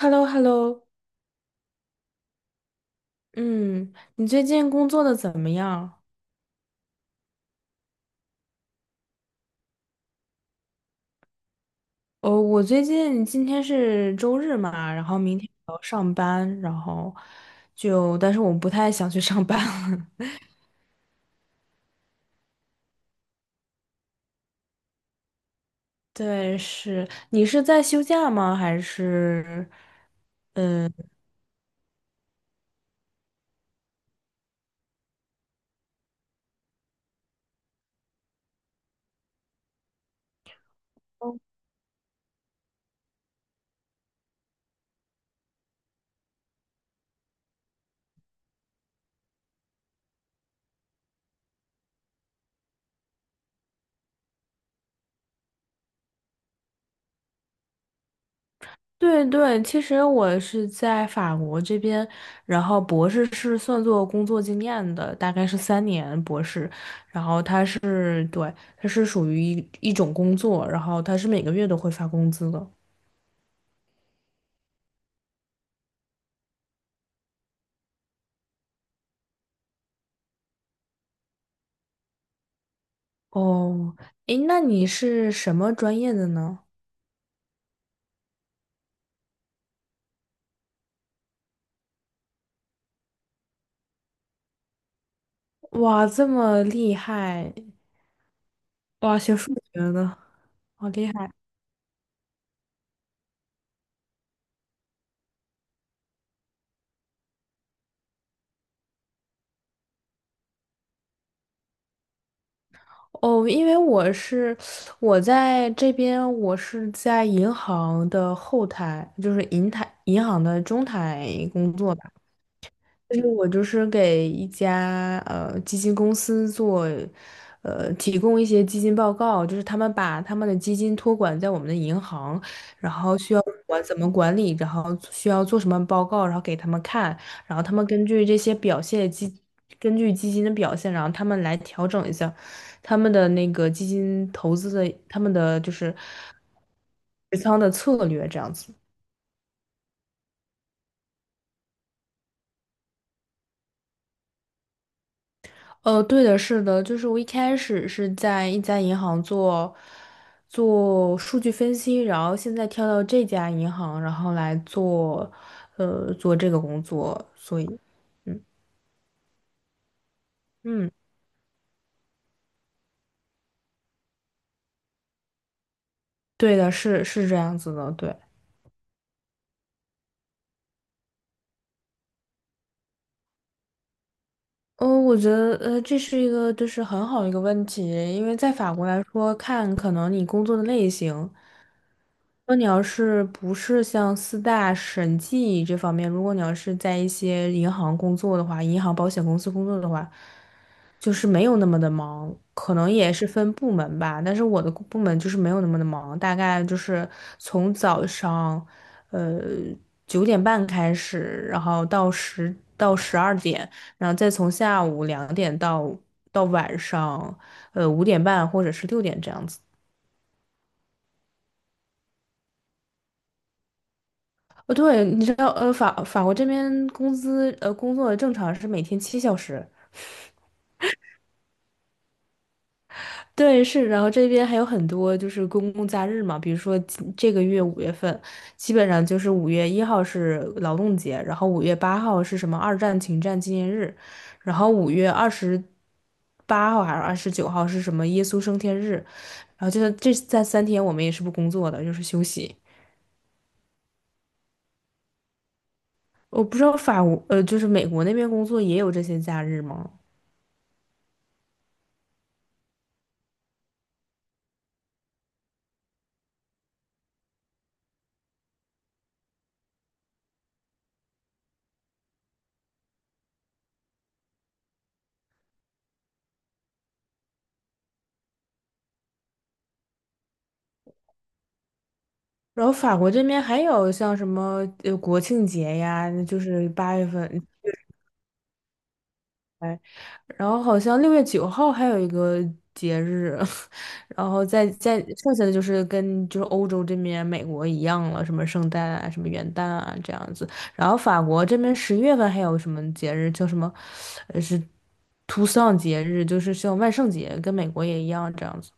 h e l l o h e l l o 嗯，你最近工作的怎么样？哦，我最近今天是周日嘛，然后明天还要上班，然后但是我不太想去上班了。对，是，你是在休假吗？还是？对对，其实我是在法国这边，然后博士是算作工作经验的，大概是三年博士。他是，对，他是属于一种工作，然后他是每个月都会发工资的。哦，诶，那你是什么专业的呢？哇，这么厉害！哇，学数学的，好厉害！哦，因为我在这边，我是在银行的后台，就是银行的中台工作吧。就是我就是给一家基金公司做，提供一些基金报告，就是他们把他们的基金托管在我们的银行，然后需要怎么管理，然后需要做什么报告，然后给他们看，然后他们根据这些表现根据基金的表现，然后他们来调整一下他们的那个基金投资的他们的就是持仓的策略这样子。对的，是的，就是我一开始是在一家银行做数据分析，然后现在跳到这家银行，然后来做这个工作，所以嗯嗯，对的，是这样子的，对。哦，我觉得这是一个就是很好一个问题，因为在法国来说，可能你工作的类型。如果你要是不是像四大审计这方面，如果你要是在一些银行工作的话，银行、保险公司工作的话，就是没有那么的忙，可能也是分部门吧。但是我的部门就是没有那么的忙，大概就是从早上，呃，9点半开始，然后到12点，然后再从下午2点到晚上，5点半或者是6点这样子。哦，对，你知道，法国这边工作正常是每天7小时，对，是，然后这边还有很多就是公共假日嘛，比如说这个月5月份，基本上就是5月1号是劳动节，然后5月8号是什么二战停战纪念日，然后5月28号还是29号是什么耶稣升天日，然后就是这三天我们也是不工作的，就是休息。我不知道就是美国那边工作也有这些假日吗？然后法国这边还有像什么国庆节呀，就是8月份，哎，然后好像6月9号还有一个节日，然后再剩下的就是跟就是欧洲这边美国一样了，什么圣诞啊，什么元旦啊这样子。然后法国这边10月份还有什么节日叫什么，是图桑节日，就是像万圣节，跟美国也一样这样子。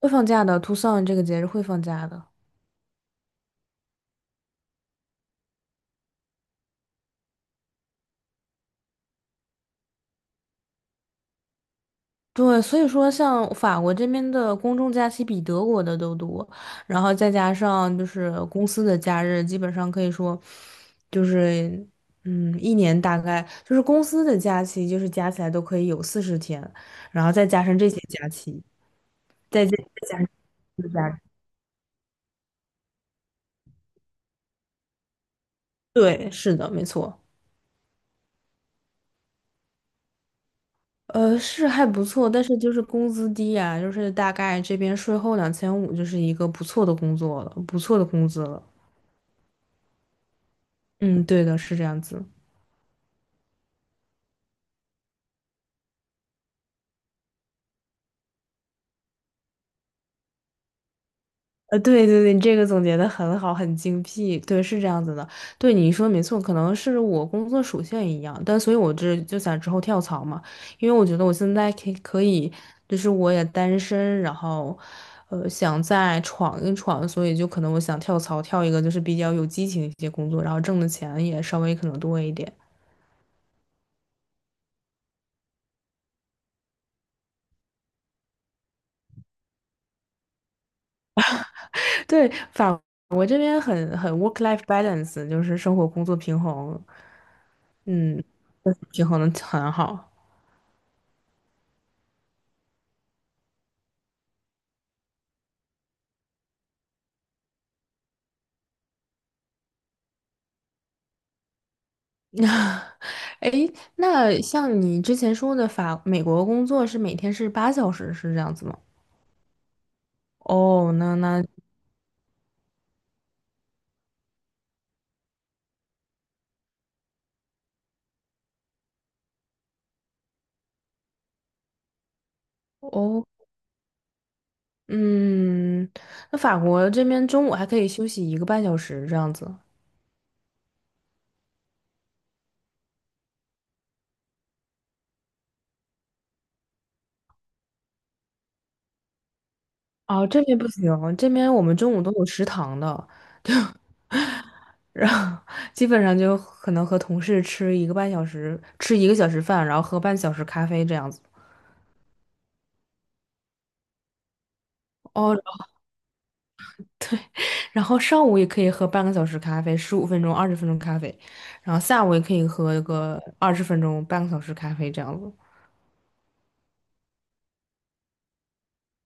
会放假的，图桑这个节日会放假的。对，所以说像法国这边的公众假期比德国的都多，然后再加上就是公司的假日，基本上可以说就是一年大概就是公司的假期就是加起来都可以有40天，然后再加上这些假期，再加再加上这些假日，对，是的，没错。是还不错，但是就是工资低啊，就是大概这边税后2500，就是一个不错的工作了，不错的工资了。嗯，对的，是这样子。对对对，你这个总结的很好，很精辟，对，是这样子的，对，你说没错，可能是我工作属性一样，但所以我这就想之后跳槽嘛，因为我觉得我现在可以，就是我也单身，然后，想再闯一闯，所以就可能我想跳槽，跳一个就是比较有激情一些工作，然后挣的钱也稍微可能多一点。对，法我这边很 work-life balance，就是生活工作平衡，嗯，平衡的很好。那，哎那像你之前说的美国工作是每天是8小时，是这样子吗？哦，那那哦，嗯，那法国这边中午还可以休息一个半小时这样子。哦，这边不行，这边我们中午都有食堂的，然后基本上就可能和同事吃一个半小时，吃1个小时饭，然后喝半小时咖啡这样子。哦，然后上午也可以喝半个小时咖啡，15分钟、二十分钟咖啡，然后下午也可以喝个二十分钟、半个小时咖啡这样子。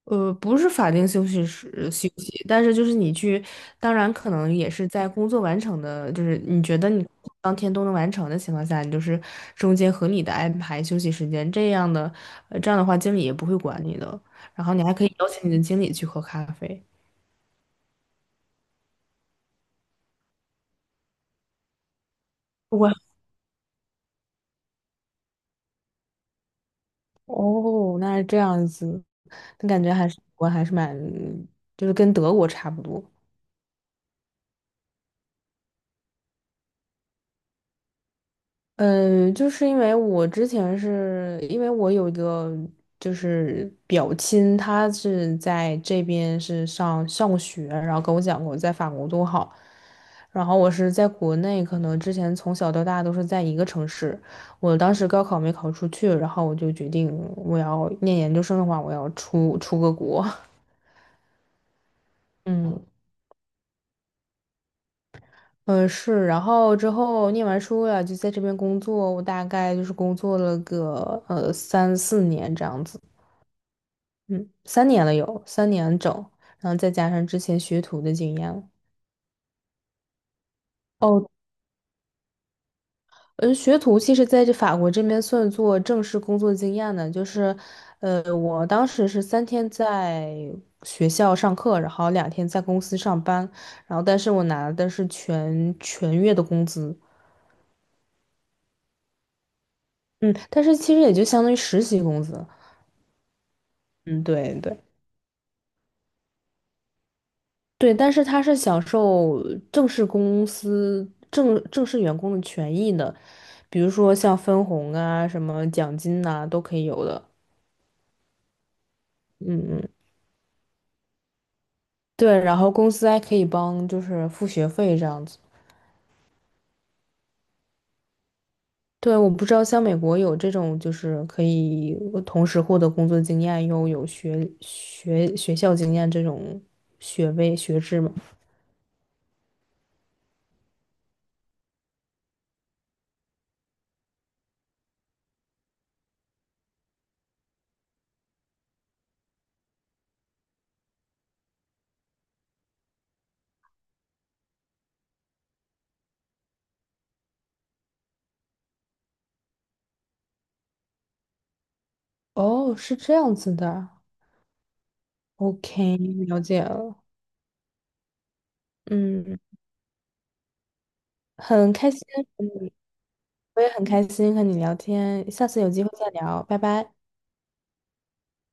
不是法定休息，但是就是你去，当然可能也是在工作完成的，就是你觉得你当天都能完成的情况下，你就是中间合理的安排休息时间，这样的，这样的话经理也不会管你的，然后你还可以邀请你的经理去喝咖啡。哦，那是这样子，那感觉我还是蛮，就是跟德国差不多。嗯，就是因为我有一个就是表亲，他是在这边是上学，然后跟我讲过在法国多好。然后我是在国内，可能之前从小到大都是在一个城市。我当时高考没考出去，然后我就决定我要念研究生的话，我要出个国。嗯。嗯，是，然后之后念完书了，就在这边工作，我大概就是工作了个3、4年这样子，嗯，三年了有，三年整，然后再加上之前学徒的经验了哦，嗯，学徒其实在这法国这边算作正式工作经验的，就是，我当时是三天在学校上课，然后2天在公司上班，然后但是我拿的是全月的工资，嗯，但是其实也就相当于实习工资，嗯，对对。对，但是他是享受正式公司正正式员工的权益的，比如说像分红啊、什么奖金呐、都可以有的。嗯嗯，对，然后公司还可以帮就是付学费这样子。对，我不知道像美国有这种就是可以同时获得工作经验又有学校经验这种学位学制吗？哦，是这样子的啊。OK，了解了。嗯，很开心。我也很开心和你聊天，下次有机会再聊，拜拜。